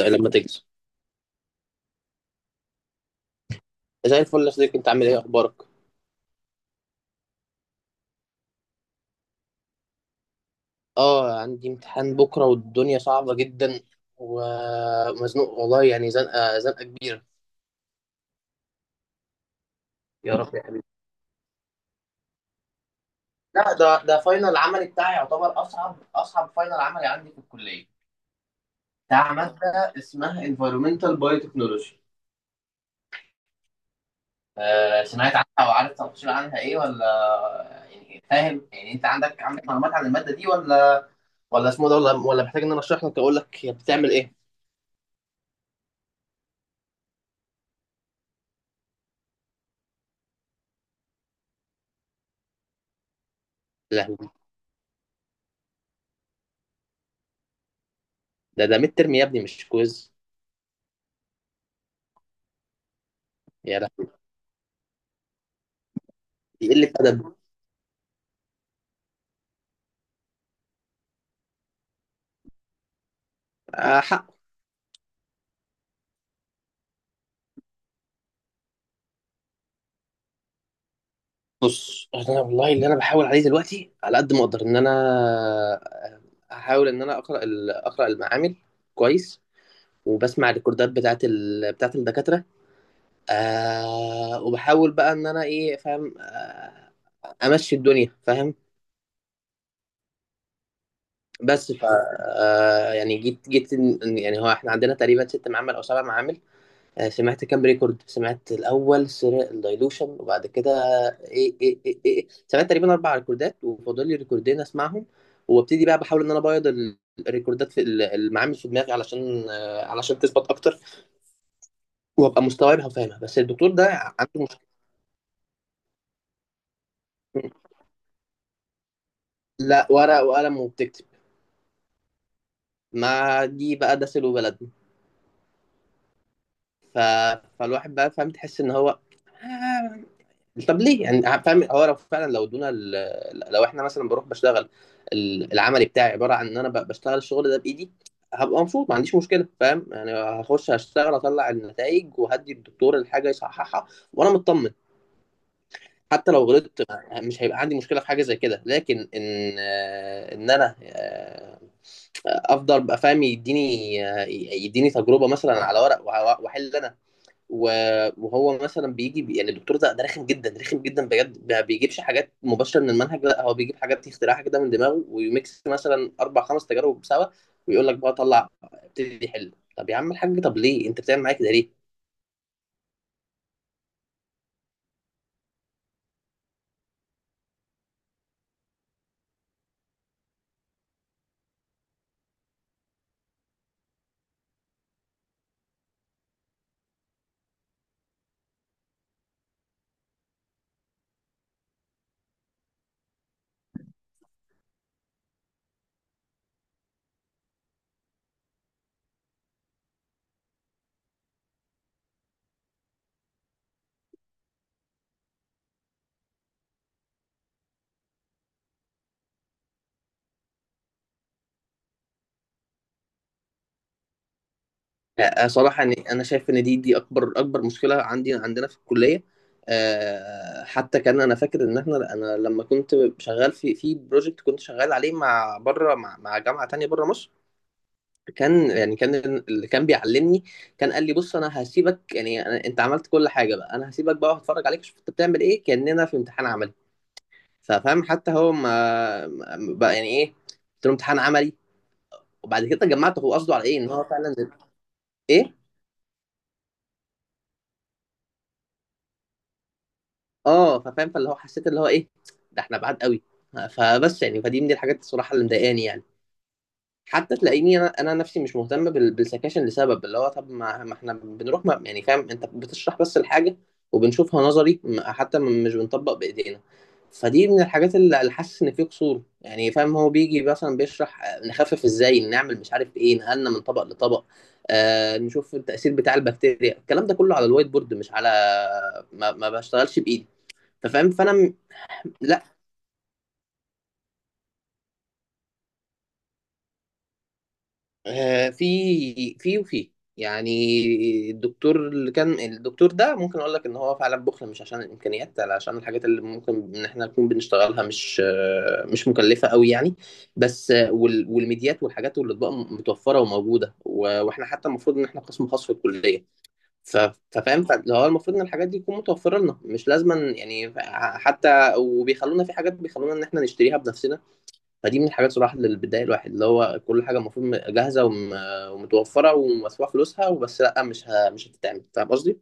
لما تكسب زي الفل يا صديقي، انت عامل ايه اخبارك؟ اه عندي امتحان بكره والدنيا صعبه جدا ومزنوق والله، يعني زنقه كبيره. يا رب يا حبيبي. لا، ده فاينل عملي بتاعي، يعتبر اصعب فاينل عملي عندي في الكليه، بتاع ماده اسمها environmental biotechnology. آه، سمعت عنها او عارف تفاصيل عنها ايه ولا؟ يعني فاهم يعني انت عندك معلومات عن الماده دي، ولا ولا اسمه ده، ولا محتاج ان انا اشرح لك اقول لك هي بتعمل ايه؟ لا، ده ميد ترم يا ابني، مش كويز. يا لهوي، دي قله ادب. آه حق. بص، انا والله اللي انا بحاول عليه دلوقتي على قد ما اقدر ان انا، آه، احاول ان انا اقرا اقرا المعامل كويس، وبسمع الريكوردات بتاعت الدكاتره، آه، وبحاول بقى ان انا ايه، فاهم، آه، امشي الدنيا فاهم. بس ف، آه يعني يعني هو احنا عندنا تقريبا ست معامل او سبع معامل. سمعت كام ريكورد، سمعت الاول سرق الدايلوشن، وبعد كده ايه ايه ايه, إيه. إيه. سمعت تقريبا اربع ريكوردات وفاضل لي ريكوردين اسمعهم، وابتدي بقى بحاول ان انا ابيض الريكوردات في المعامل في دماغي، علشان علشان تثبت اكتر، وابقى مستوعبها وفاهمها. بس الدكتور ده عنده مشكله. لا، ورق وقلم وبتكتب. ما دي بقى ده سلو بلدنا. ف... فالواحد بقى فاهم، تحس ان هو، آه، طب ليه يعني، فاهم، هو لو فعلا لو ادونا لو احنا مثلا بروح بشتغل، العملي بتاعي عباره عن ان انا بشتغل الشغل ده بايدي، هبقى مبسوط، ما عنديش مشكله، فاهم يعني، هخش هشتغل، اطلع النتائج وهدي الدكتور الحاجه يصححها وانا مطمن. حتى لو غلطت مش هيبقى عندي مشكله في حاجه زي كده. لكن ان ان انا افضل بقى فاهم، يديني يديني تجربه مثلا على ورق واحل انا، وهو مثلا بيجي بي، يعني الدكتور ده ده رخم جدا بجد، ما بيجيبش حاجات مباشره من المنهج، لا هو بيجيب حاجات اختراعها كده من دماغه، ويميكس مثلا اربع خمس تجارب سوا، ويقول لك بقى طلع ابتدي حل. طب يا عم الحاج، طب ليه انت بتعمل معايا كده ليه؟ آه، صراحه يعني انا شايف ان دي اكبر مشكله عندي عندنا في الكليه. آه، حتى كان انا فاكر ان احنا، انا لما كنت شغال في بروجكت كنت شغال عليه مع بره، مع جامعه تانية بره مصر، كان يعني كان اللي كان بيعلمني كان قال لي بص، انا هسيبك، يعني أنا، انت عملت كل حاجه بقى، انا هسيبك بقى وهتفرج عليك شوف انت بتعمل ايه، كاننا في امتحان عملي. ففاهم حتى هو بقى يعني ايه، قلت له امتحان عملي، وبعد كده جمعت هو قصده على ايه، ان هو فعلا ايه، اه ففاهم، فاللي هو حسيت اللي هو ايه، ده احنا بعاد قوي. فبس يعني فدي من دي الحاجات الصراحه اللي مضايقاني يعني. حتى تلاقيني انا نفسي مش مهتم بالسكاشن، لسبب اللي هو طب ما احنا بنروح، ما يعني فاهم، انت بتشرح بس الحاجه وبنشوفها نظري، حتى مش بنطبق بايدينا. فدي من الحاجات اللي حاسس ان في قصور، يعني فاهم، هو بيجي مثلا بيشرح نخفف ازاي، نعمل مش عارف ايه، نقلنا من طبق لطبق، آه نشوف التاثير بتاع البكتيريا، الكلام ده كله على الوايت بورد، مش على، ما بشتغلش بايدي. ففاهم فانا م- لا، آه، في، في وفي. يعني الدكتور اللي كان الدكتور ده ممكن اقول لك ان هو فعلا بخل، مش عشان الامكانيات، لا عشان الحاجات اللي ممكن ان احنا نكون بنشتغلها مش مش مكلفه قوي يعني. بس آه، والميديات والحاجات والاطباق متوفره وموجوده، واحنا حتى المفروض ان احنا قسم خاص في الكليه. ف- ففاهم فاللي هو المفروض ان الحاجات دي تكون متوفره لنا مش لازما يعني، حتى وبيخلونا في حاجات، بيخلونا ان احنا نشتريها بنفسنا. فدي من الحاجات صراحة اللي بتضايق الواحد، اللي هو كل حاجة المفروض جاهزة ومتوفرة ومدفوع فلوسها، وبس لأ مش مش هتتعمل. فاهم قصدي؟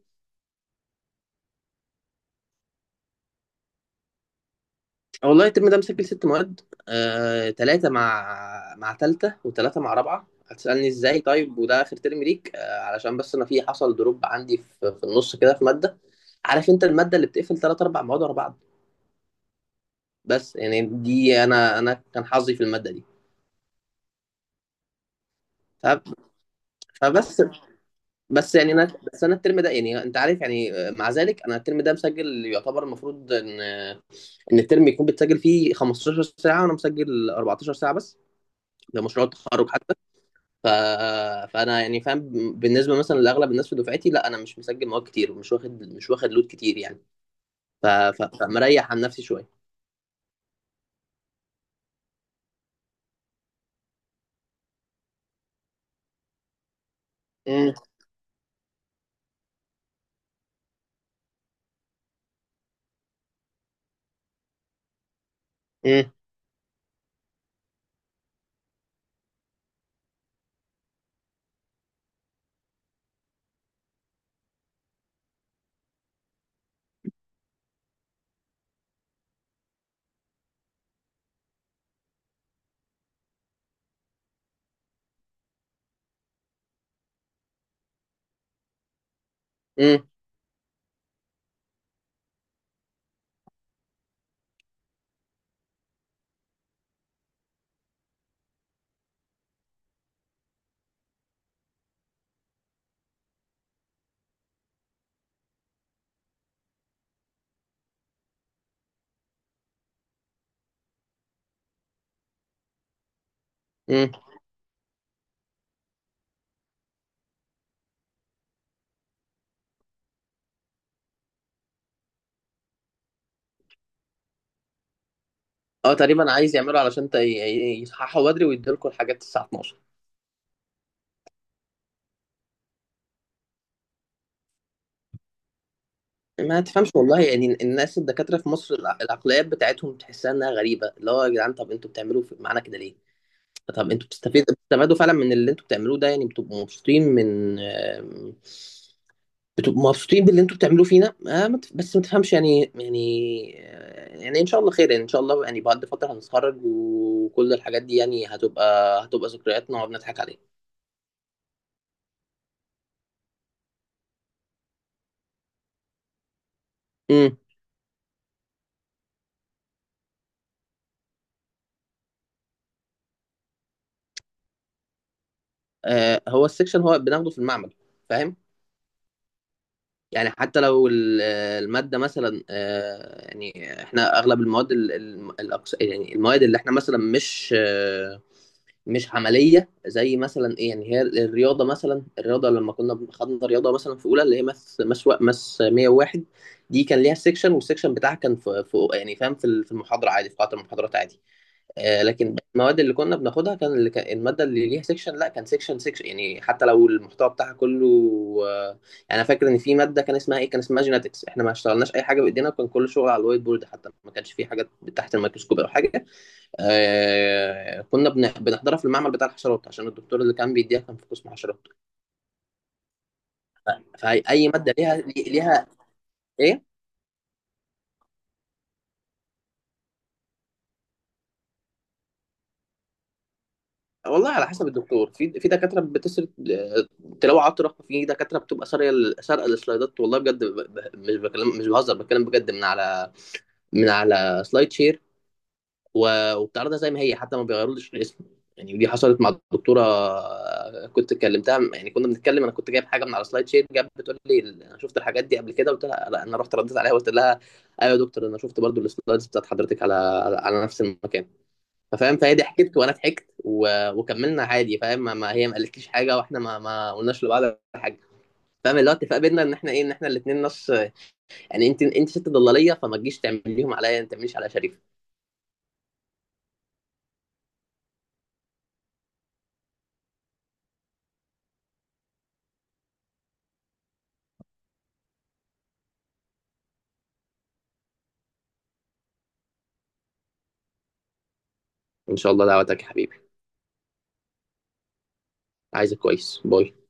والله الترم ده مسجل ست مواد. آه، تلاتة مع، مع تالتة، وتلاتة مع رابعة. هتسألني ازاي طيب وده آخر ترم ليك؟ آه، علشان بس أنا في، حصل دروب عندي في النص كده في مادة. عارف أنت المادة اللي بتقفل تلات أربع مواد ورا بعض، بس يعني دي، أنا كان حظي في المادة دي. ف- فبس، بس يعني انا، بس انا الترم ده يعني انت عارف، يعني مع ذلك انا الترم ده مسجل يعتبر، المفروض ان ان الترم يكون بتسجل فيه 15 ساعه، وانا مسجل 14 ساعه بس، ده مشروع التخرج حتى. ف... فانا يعني فاهم بالنسبه مثلا لاغلب الناس في دفعتي، لا انا مش مسجل مواد كتير ومش واخد، مش واخد لود كتير يعني. فمريح عن نفسي شويه. امم امم امم امم. اه تقريبا عايز يعملوا علشان يصححوا بدري ويدوا لكم الحاجات الساعه 12. ما تفهمش والله يعني، الناس الدكاترة في مصر العقليات بتاعتهم تحسها انها غريبة، اللي هو يا جدعان، طب انتوا بتعملوا معانا كده ليه؟ طب انتوا بتستفيد، بتستفادوا فعلا من اللي انتوا بتعملوه ده يعني؟ بتبقوا مبسوطين من بتبقوا مبسوطين باللي انتوا بتعملوه فينا؟ آه، ما تف- بس ما تفهمش يعني يعني. آه، يعني ان شاء الله خير يعني، ان شاء الله يعني بعد فترة هنتخرج، وكل الحاجات دي يعني هتبقى، هتبقى ذكريات نقعد نضحك عليها. امم. آه، هو السكشن هو بناخده في المعمل. فاهم؟ يعني حتى لو المادة مثلا، آه، يعني احنا اغلب المواد يعني المواد اللي احنا مثلا مش مش عملية، زي مثلا ايه يعني، هي الرياضة مثلا، الرياضة لما كنا خدنا رياضة مثلا في اولى اللي هي ماس 101، دي كان ليها سيكشن، والسيكشن بتاعها كان يعني فاهم في في المحاضرة عادي، في قاعة المحاضرات عادي. آه، لكن المواد اللي كنا بناخدها، كان اللي كان الماده اللي ليها سيكشن لا، كان سيكشن يعني حتى لو المحتوى بتاعها كله، آه، يعني انا فاكر ان في ماده كان اسمها ايه، كان اسمها جيناتكس، احنا ما اشتغلناش اي حاجه بايدينا، وكان كل شغل على الوايت بورد، حتى ما كانش في حاجات تحت الميكروسكوب او حاجه. آه، كنا بنحضرها في المعمل بتاع الحشرات عشان الدكتور اللي كان بيديها كان في قسم حشرات. فاي، أي ماده ليها، ليها ايه. والله على حسب الدكتور، في دكاتره بتسرق، آه، تلاوه عطره، في دكاتره بتبقى ساريه سارقه السلايدات، والله بجد، مش بكلم، مش بهزر، بتكلم بجد، من على. من على سلايد شير، وبتعرضها زي ما هي، حتى ما بيغيرولش الاسم. يعني دي حصلت مع الدكتوره، آه، كنت كلمتها يعني كنا بنتكلم، انا كنت جايب حاجه من على سلايد شير، جاب بتقول لي انا شفت الحاجات دي قبل كده، قلت لها لا، انا رحت رديت عليها وقلت لها ايوه يا دكتور، انا شفت برضو السلايدز بتاعت حضرتك على على نفس المكان. فاهم، فهي ضحكت وانا ضحكت وكملنا عادي. فاهم هي ما قالتليش حاجه، واحنا ما قلناش لبعض حاجه. فاهم، اللي هو اتفاق بينا ان احنا ايه، ان احنا الاثنين نص، يعني انت ست ضلاليه، فما تجيش تعمليهم عليا، انت تعمليش على شريف. ان شاء الله دعوتك يا حبيبي. عايزك كويس، باي.